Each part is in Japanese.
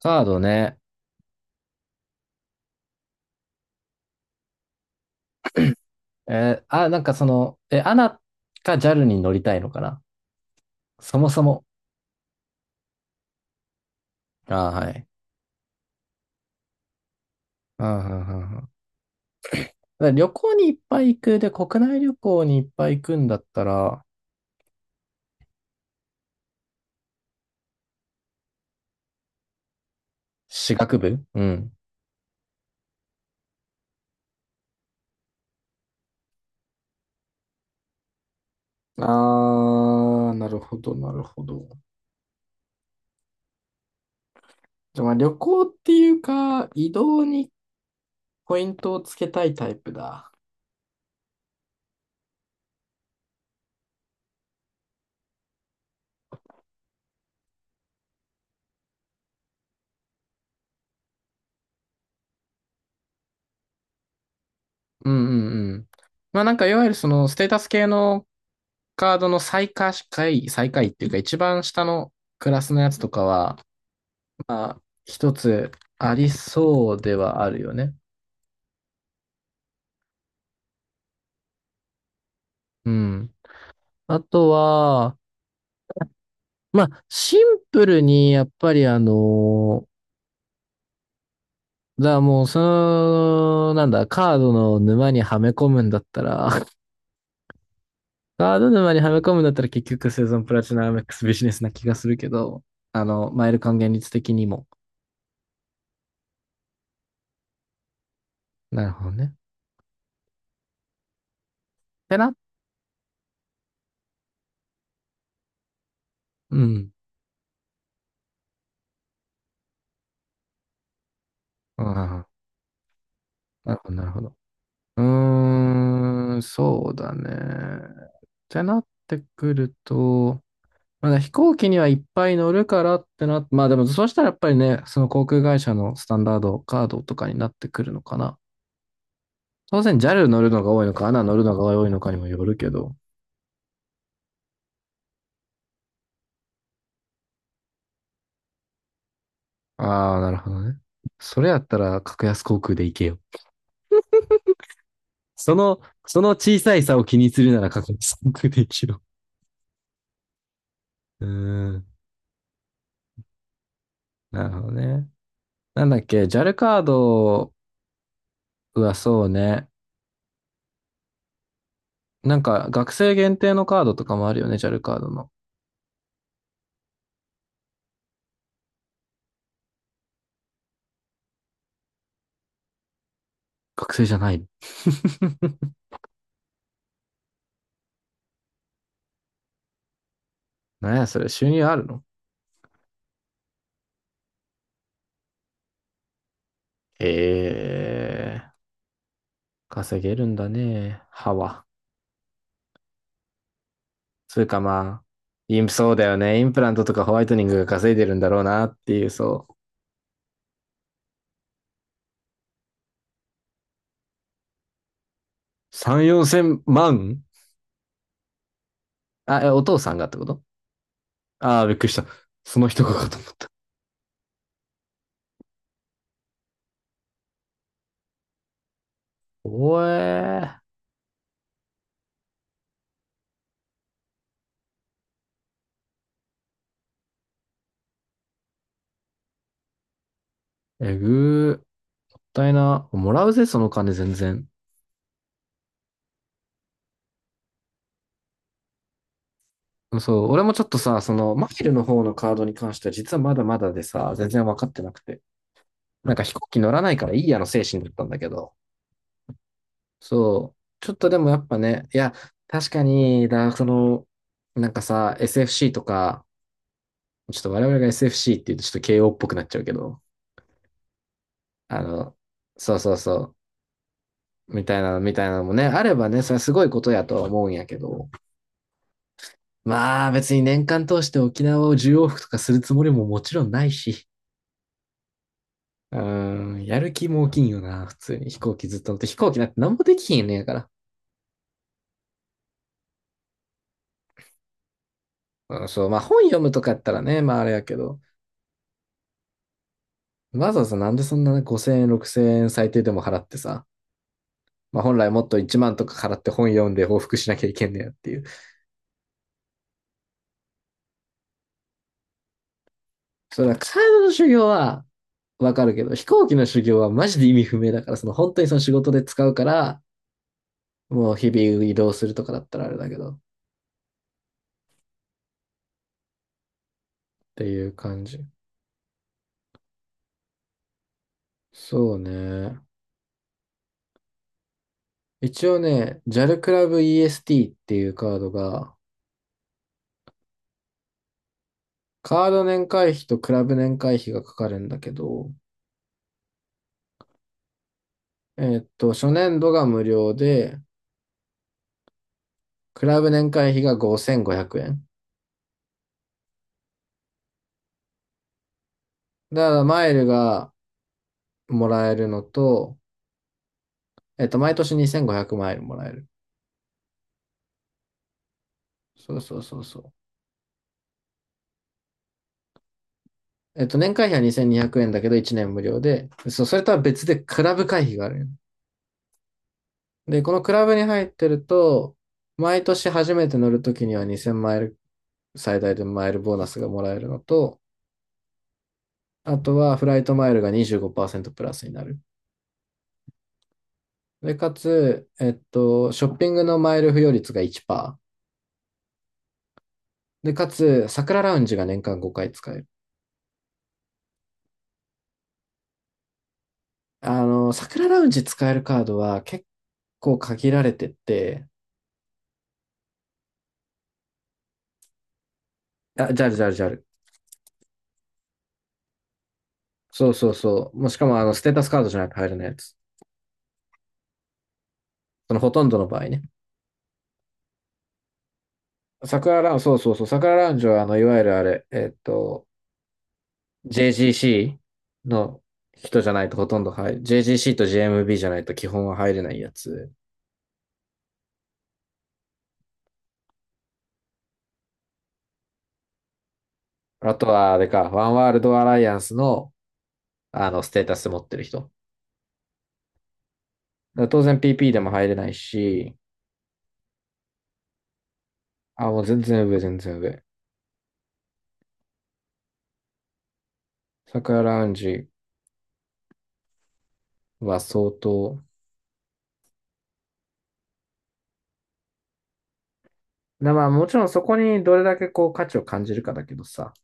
カードね。アナか JAL に乗りたいのかなそもそも。あー、はい。うんうんうんうん。だから旅行にいっぱい行く。で、国内旅行にいっぱい行くんだったら、私学部うん。あー、なるほど、なるほど。じゃあ、まあ旅行っていうか、移動にポイントをつけたいタイプだ。うんうんうん。まあなんかいわゆるそのステータス系のカードの最下位っていうか一番下のクラスのやつとかは、まあ、一つありそうではあるよね。うん。あとは、まあ、シンプルに、やっぱりだからもう、その、なんだ、カードの沼にはめ込むんだったら、カード沼にはめ込むんだったら結局生存プラチナエムエックスビジネスな気がするけど、あの、マイル還元率的にも。なるほどね。ってな。うん。うん。なるほど、なるほど。うーん、そうだね。ってなってくると、まあ、飛行機にはいっぱい乗るからってなって、まあでもそうしたらやっぱりね、その航空会社のスタンダードカードとかになってくるのかな。当然 JAL 乗るのが多いのか、a n 乗るのが多いのかにもよるけど。ああ、なるほどね。それやったら格安航空で行けよ。その、その小さい差を気にするなら格安航空で行けよ。うーん、なるほどね。なんだっけ、JAL カードはそうね。なんか学生限定のカードとかもあるよね、JAL カードの。学生じゃない。 なんや、それ、収入あるの？ええー、稼げるんだね、歯は。それかまあ、インプ、そうだよね。インプラントとかホワイトニングが稼いでるんだろうなっていう、そう。3、4千万？あ、えお父さんがってこと？ああー、びっくりした。その人がかと思った。おえー、えぐー。もったいな。もらうぜ、その金全然。そう、俺もちょっとさ、その、マフィルの方のカードに関しては実はまだまだでさ、全然分かってなくて。なんか飛行機乗らないからいいやの精神だったんだけど、そう。ちょっとでもやっぱね、いや、確かに、だ、その、なんかさ、SFC とか、ちょっと我々が SFC って言うとちょっと慶応っぽくなっちゃうけど、あの、そうそうそう、みたいなのもね、あればね、それはすごいことやとは思うんやけど、まあ別に年間通して沖縄を1往復とかするつもりももちろんないし、うーん、やる気も大きいんよな、普通に。飛行機ずっと乗って、飛行機なんて何もできひんねんやから。うん、そう、まあ本読むとかやったらね、まああれやけど、わざわざなんでそんな5000円、6000円最低でも払ってさ、まあ本来もっと1万とか払って本読んで報復しなきゃいけんねやっていう。それはカードの修行はわかるけど、飛行機の修行はマジで意味不明だから、その本当にその仕事で使うから、もう日々移動するとかだったらあれだけど、っていう感じ。そうね。一応ね、JAL クラブ EST っていうカードが、カード年会費とクラブ年会費がかかるんだけど、初年度が無料で、クラブ年会費が5500円。だから、マイルがもらえるのと、えっと、毎年2500マイルもらえる。そうそうそうそう。えっと、年会費は2200円だけど1年無料で、そう、それとは別でクラブ会費がある。で、このクラブに入ってると、毎年初めて乗るときには2000マイル、最大でマイルボーナスがもらえるのと、あとはフライトマイルが25%プラスになる。で、かつ、えっと、ショッピングのマイル付与率が1%。で、かつ、桜ラウンジが年間5回使える。あの、桜ラウンジ使えるカードは結構限られてて、あ、ジャルジャルジャル。そうそうそう。もうしかも、あの、ステータスカードじゃないと入らないやつ。そのほとんどの場合ね。桜ラウンジ、そうそうそう、桜ラウンジは、あの、いわゆるあれ、えっと、JGC の人じゃないとほとんど入る。JGC と j m b じゃないと基本は入れないやつ。あとは、あれか、ワンワールドアライアンスの、あの、ステータス持ってる人。だから当然 PP でも入れないし、あ、もう全然上、全然上。桜ラウンジは相当。な、まあもちろんそこにどれだけこう価値を感じるかだけどさ。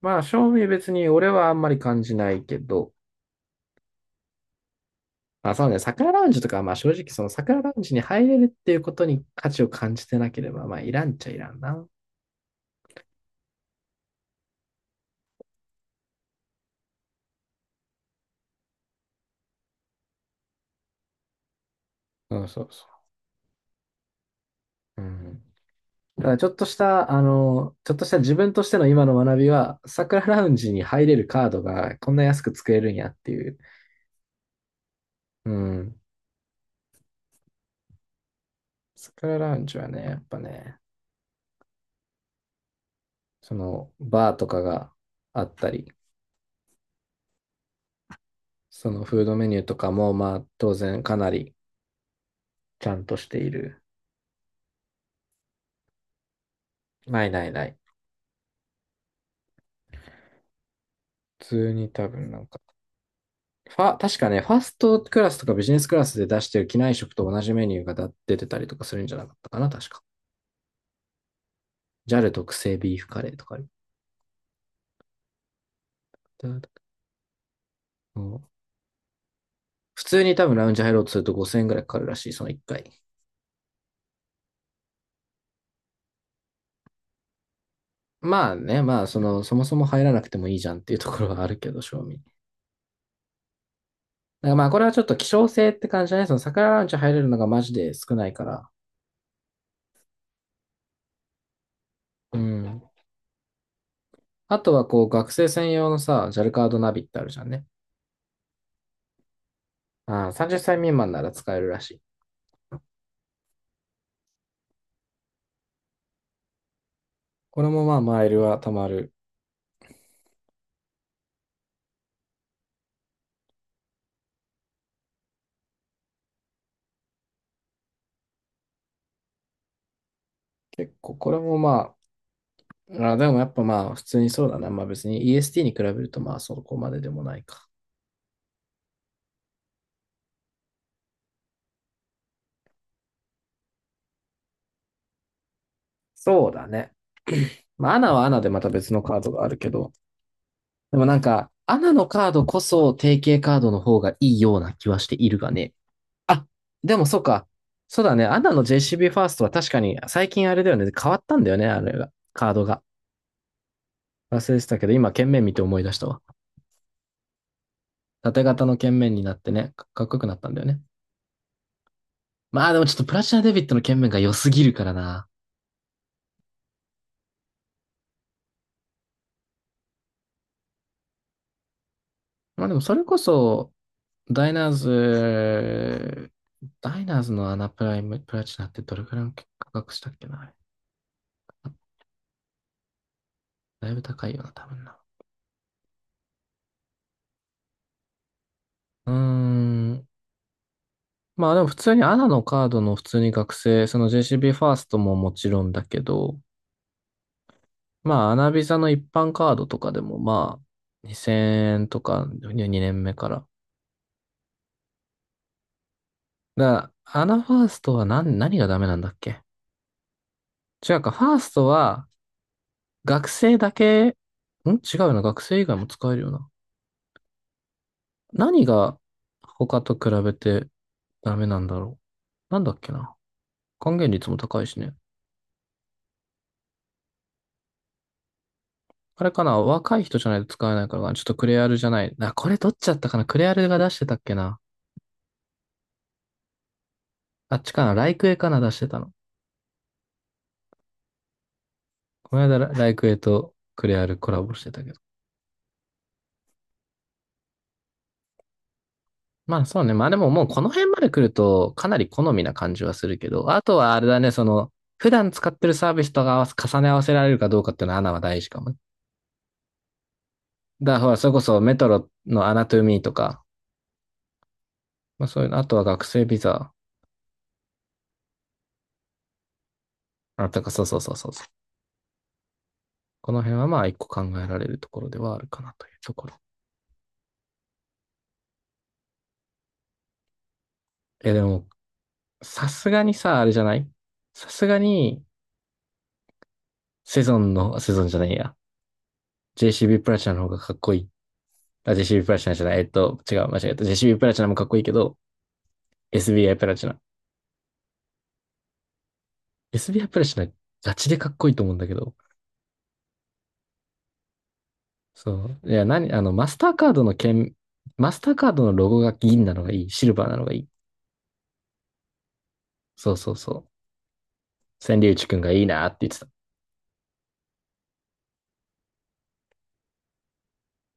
まあ正味別に俺はあんまり感じないけど。まあ、そうね。桜ラウンジとかはまあ正直その桜ラウンジに入れるっていうことに価値を感じてなければまあいらんっちゃいらんな。そうそうそう。うん。ただちょっとした、あの、ちょっとした自分としての今の学びは、桜ラウンジに入れるカードがこんな安く作れるんやっていう。うん。桜ラウンジはね、やっぱね、そのバーとかがあったり、そのフードメニューとかもまあ当然かなりちゃんとしている。ないないない。普通に多分なんか、ファ、確かね、ファーストクラスとかビジネスクラスで出してる機内食と同じメニューがだ出てたりとかするんじゃなかったかな、確か。JAL 特製ビーフカレーとかある。普通に多分ラウンジ入ろうとすると5000円ぐらいかかるらしい、その1回。まあね、まあその、そもそも入らなくてもいいじゃんっていうところはあるけど、正味。だからまあこれはちょっと希少性って感じだね。その桜ランチ入れるのがマジで少ないから。うん。あとはこう学生専用のさ、JAL カードナビってあるじゃんね。ああ、30歳未満なら使えるらしい。これもまあマイルは貯まる。結構これもまあ、あでもやっぱまあ普通にそうだな。まあ別に EST に比べるとまあそこまででもないか。そうだね。まあアナはアナでまた別のカードがあるけど、でもなんか、アナのカードこそ定型カードの方がいいような気はしているがね。あ、でもそうか。そうだね。アナの JCB ファーストは確かに最近あれだよね。変わったんだよね、あれが。カードが。忘れてたけど、今、剣面見て思い出したわ。縦型の剣面になってね、かかっこよくなったんだよね。まあでもちょっとプラチナデビットの剣面が良すぎるからな。まあでもそれこそ、ダイナーズ、ダイナーズのアナプライム、プラチナってどれくらいの価格したっけな、あれ。だいぶ高いよな、多分な。うーん、まあでも普通にアナのカードの普通に学生、その JCB ファーストももちろんだけど、まあアナビザの一般カードとかでもまあ2000円とか2年目から。だからアナファーストは何、何がダメなんだっけ。違うか、ファーストは学生だけ、ん違うな、学生以外も使えるよな。何が他と比べてダメなんだろう。なんだっけな。還元率も高いしね。あれかな、若い人じゃないと使えないからかな。ちょっとクレアルじゃない。あ、これどっちだったかな、クレアルが出してたっけな。あっちかなライクエかな出してたの。この間ラライクエとクレアルコラボしてたけど。まあそうね。まあでももうこの辺まで来るとかなり好みな感じはするけど。あとはあれだね、その、普段使ってるサービスと合わせ、重ね合わせられるかどうかっていうのはアナは大事かもね。だからほら、それこそメトロのアナトゥミーとか、まあそういうの、あとは学生ビザ、あとか、そうそうそうそうそう。この辺はまあ一個考えられるところではあるかなというところ。え、でもさすがにさ、あれじゃない？さすがに、セゾンの、セゾンじゃないや。JCB プラチナの方がかっこいい。あ、JCB プラチナじゃない。えっと、違う、間違えた。JCB プラチナもかっこいいけど、SBI プラチナ。SBI プラチナ、ガチでかっこいいと思うんだけど。そう。いや、何、あの、マスターカードの剣、マスターカードのロゴが銀なのがいい。シルバーなのがいい。そうそうそう。千里内くんがいいなって言って